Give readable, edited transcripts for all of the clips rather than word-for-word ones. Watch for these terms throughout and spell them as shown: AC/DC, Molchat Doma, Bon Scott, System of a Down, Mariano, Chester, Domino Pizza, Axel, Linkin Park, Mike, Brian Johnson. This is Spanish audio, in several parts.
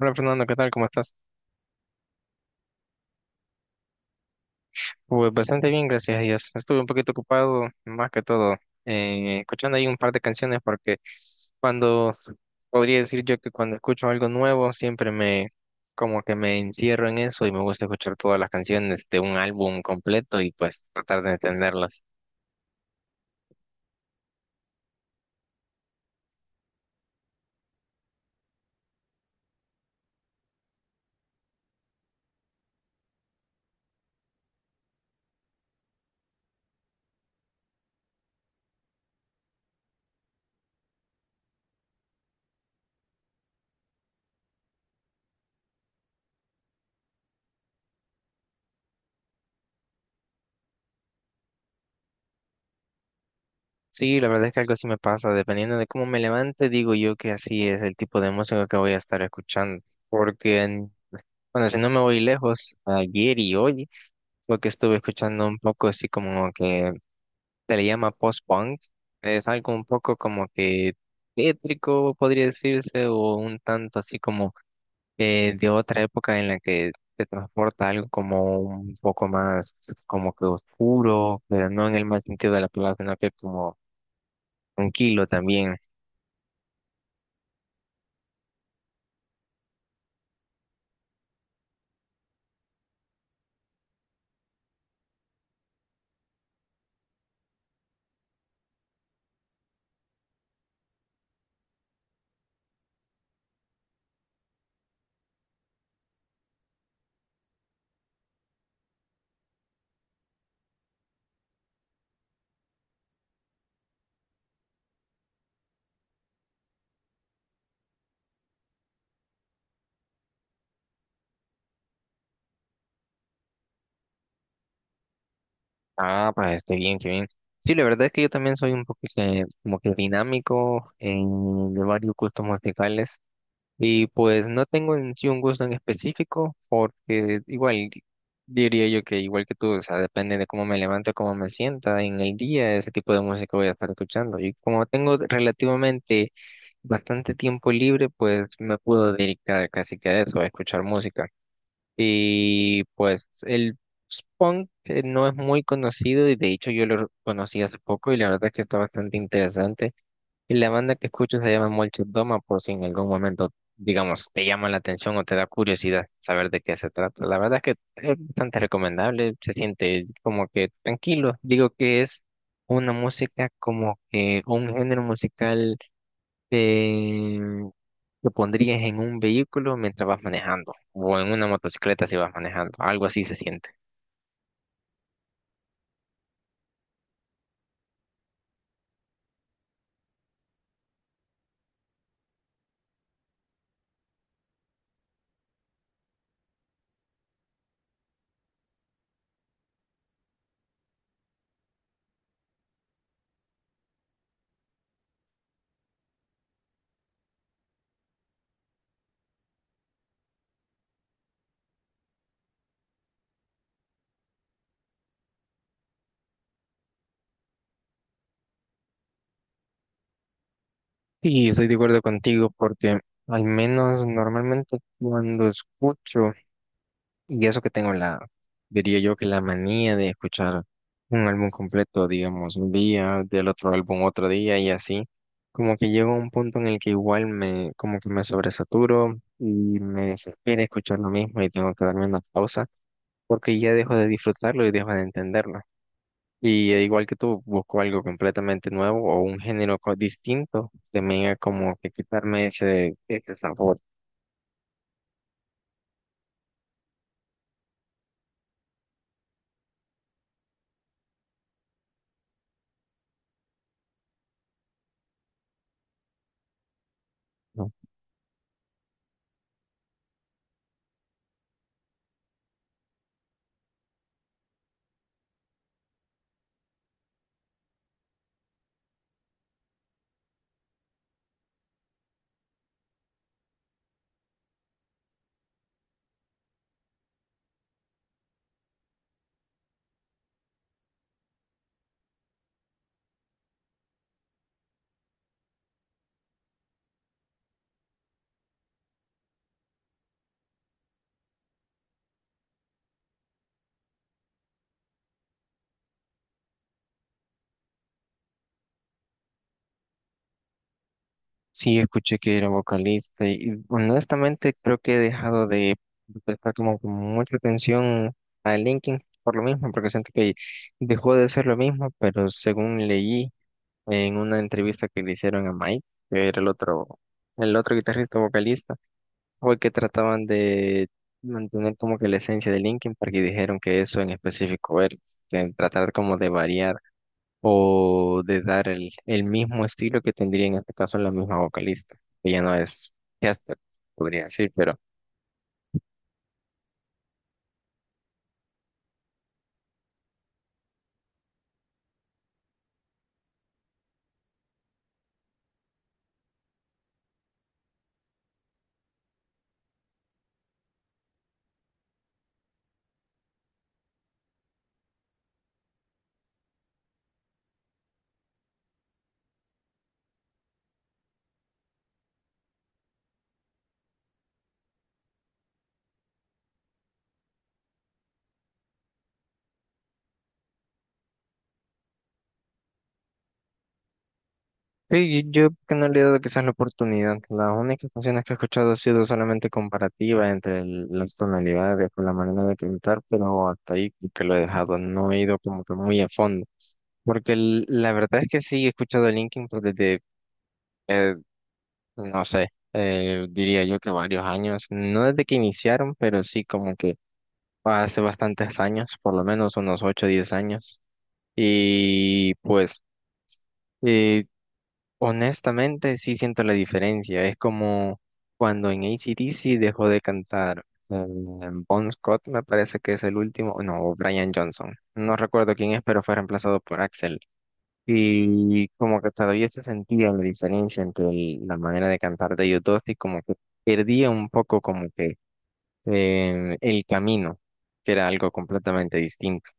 Hola Fernando, ¿qué tal? ¿Cómo estás? Pues bastante bien, gracias a Dios. Estuve un poquito ocupado, más que todo, escuchando ahí un par de canciones porque cuando, podría decir yo que cuando escucho algo nuevo, siempre como que me encierro en eso y me gusta escuchar todas las canciones de un álbum completo y pues tratar de entenderlas. Sí, la verdad es que algo así me pasa, dependiendo de cómo me levante, digo yo que así es el tipo de música que voy a estar escuchando, porque, bueno, si no me voy lejos, ayer y hoy. Porque estuve escuchando un poco así como que se le llama post-punk. Es algo un poco como que tétrico, podría decirse, o un tanto así como de otra época en la que te transporta algo como un poco más como que oscuro, pero no en el mal sentido de la palabra, sino que como tranquilo también. Ah, pues qué bien, qué bien. Sí, la verdad es que yo también soy un poco que, como que dinámico en de varios gustos musicales. Y pues no tengo en sí un gusto en específico, porque igual diría yo que igual que tú, o sea, depende de cómo me levante, cómo me sienta en el día, ese tipo de música voy a estar escuchando. Y como tengo relativamente bastante tiempo libre, pues me puedo dedicar casi que a eso, a escuchar música. Y pues el punk no es muy conocido y de hecho yo lo conocí hace poco y la verdad es que está bastante interesante. Y la banda que escucho se llama Molchat Doma, por si en algún momento, digamos, te llama la atención o te da curiosidad saber de qué se trata. La verdad es que es bastante recomendable, se siente como que tranquilo. Digo que es una música como que un género musical eh, que pondrías en un vehículo mientras vas manejando o en una motocicleta si vas manejando. Algo así se siente. Sí, estoy de acuerdo contigo porque al menos normalmente cuando escucho. Y eso que tengo diría yo que la manía de escuchar un álbum completo, digamos, un día, del otro álbum otro día y así, como que llego a un punto en el que igual como que me sobresaturo y me desespera escuchar lo mismo y tengo que darme una pausa porque ya dejo de disfrutarlo y dejo de entenderlo. Y igual que tú, busco algo completamente nuevo o un género distinto, también a como que quitarme ese sabor. ¿No? Sí, escuché que era vocalista y honestamente creo que he dejado de prestar como que mucha atención a Linkin por lo mismo, porque siento que dejó de ser lo mismo, pero según leí en una entrevista que le hicieron a Mike, que era el otro guitarrista vocalista, fue que trataban de mantener como que la esencia de Linkin, porque dijeron que eso en específico era, de tratar como de variar o de dar el mismo estilo que tendría en este caso la misma vocalista, que ya no es Chester, podría decir, pero sí, yo que no le he dado quizás la oportunidad. Las únicas canciones que he escuchado ha sido solamente comparativa entre las tonalidades con la manera de cantar, pero hasta ahí creo que lo he dejado, no he ido como que muy a fondo, porque la verdad es que sí he escuchado a Linkin Park eh, no sé, diría yo que varios años, no desde que iniciaron, pero sí como que hace bastantes años, por lo menos unos 8 o 10 años. Y pues, eh, honestamente, sí siento la diferencia. Es como cuando en AC/DC dejó de cantar eh, Bon Scott, me parece que es el último, no, o Brian Johnson. No recuerdo quién es, pero fue reemplazado por Axel. Y como que todavía se sentía la diferencia entre la manera de cantar de ellos dos y como que perdía un poco como que el camino, que era algo completamente distinto.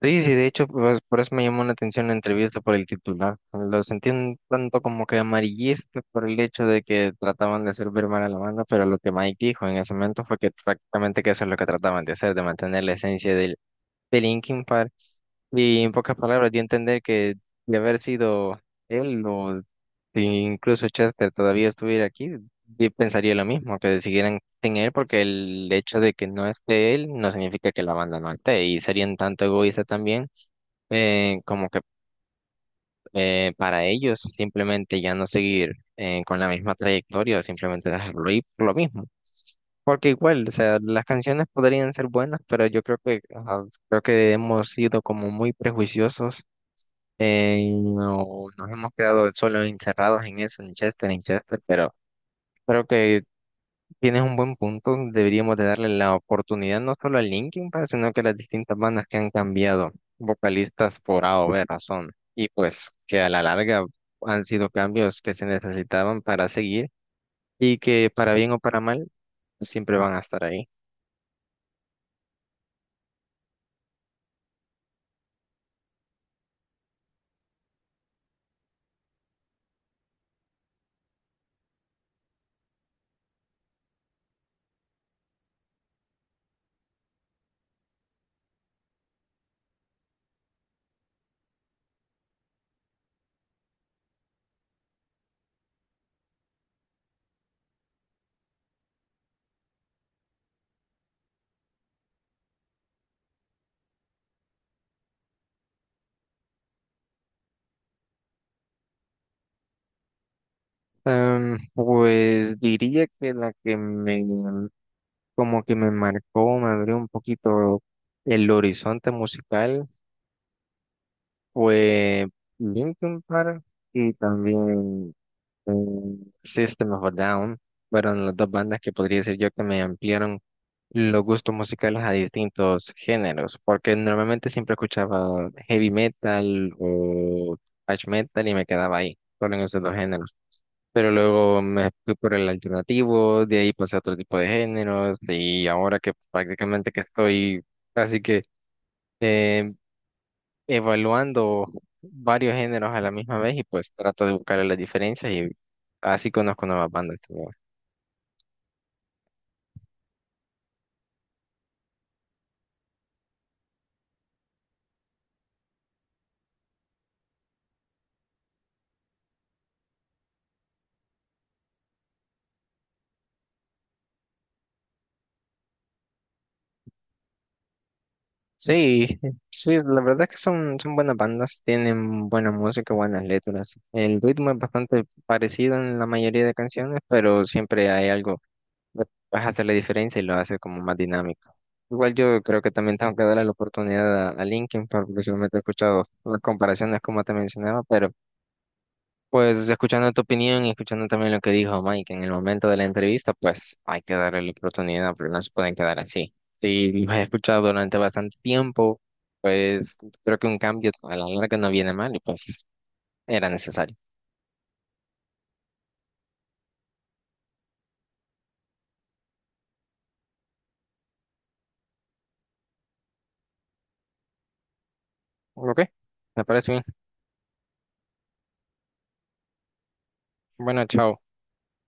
Sí, sí, de hecho, pues, por eso me llamó la atención la entrevista por el titular. Lo sentí un tanto como que amarillista por el hecho de que trataban de hacer ver mal a la banda, pero lo que Mike dijo en ese momento fue que prácticamente que eso es lo que trataban de hacer, de mantener la esencia del Linkin Park. Y en pocas palabras, di a entender que de haber sido él o si incluso Chester todavía estuviera aquí, yo pensaría lo mismo, que siguieran sin él, porque el hecho de que no esté él no significa que la banda no esté, y serían tanto egoísta también como que para ellos simplemente ya no seguir con la misma trayectoria, simplemente dejarlo ir por lo mismo. Porque igual, o sea, las canciones podrían ser buenas, pero yo creo que ajá, creo que hemos sido como muy prejuiciosos y no, nos hemos quedado solo encerrados en eso, en Chester, pero creo que tienes un buen punto, deberíamos de darle la oportunidad no solo a Linkin Park, sino que a las distintas bandas que han cambiado vocalistas por A o B razón, y pues que a la larga han sido cambios que se necesitaban para seguir y que para bien o para mal siempre van a estar ahí. Pues diría que la que me como que me marcó, me abrió un poquito el horizonte musical fue Linkin Park y también mm, System of a Down fueron las dos bandas que podría decir yo que me ampliaron los gustos musicales a distintos géneros, porque normalmente siempre escuchaba heavy metal o thrash metal y me quedaba ahí, solo en esos dos géneros. Pero luego me fui por el alternativo, de ahí pasé a otro tipo de géneros y ahora que prácticamente que estoy así que eh, evaluando varios géneros a la misma vez y pues trato de buscarle las diferencias y así conozco nuevas bandas. Sí, sí, la verdad es que son buenas bandas, tienen buena música, buenas letras. El ritmo es bastante parecido en la mayoría de canciones, pero siempre hay algo que vas a hacer la diferencia y lo hace como más dinámico. Igual yo creo que también tengo que darle la oportunidad a Linkin Park, porque solamente he escuchado las comparaciones como te mencionaba, pero pues escuchando tu opinión y escuchando también lo que dijo Mike en el momento de la entrevista, pues hay que darle la oportunidad, pero no se pueden quedar así. Si los he escuchado durante bastante tiempo, pues creo que un cambio a la larga no viene mal y pues era necesario. ¿Ok? Me parece bien. Bueno, chao.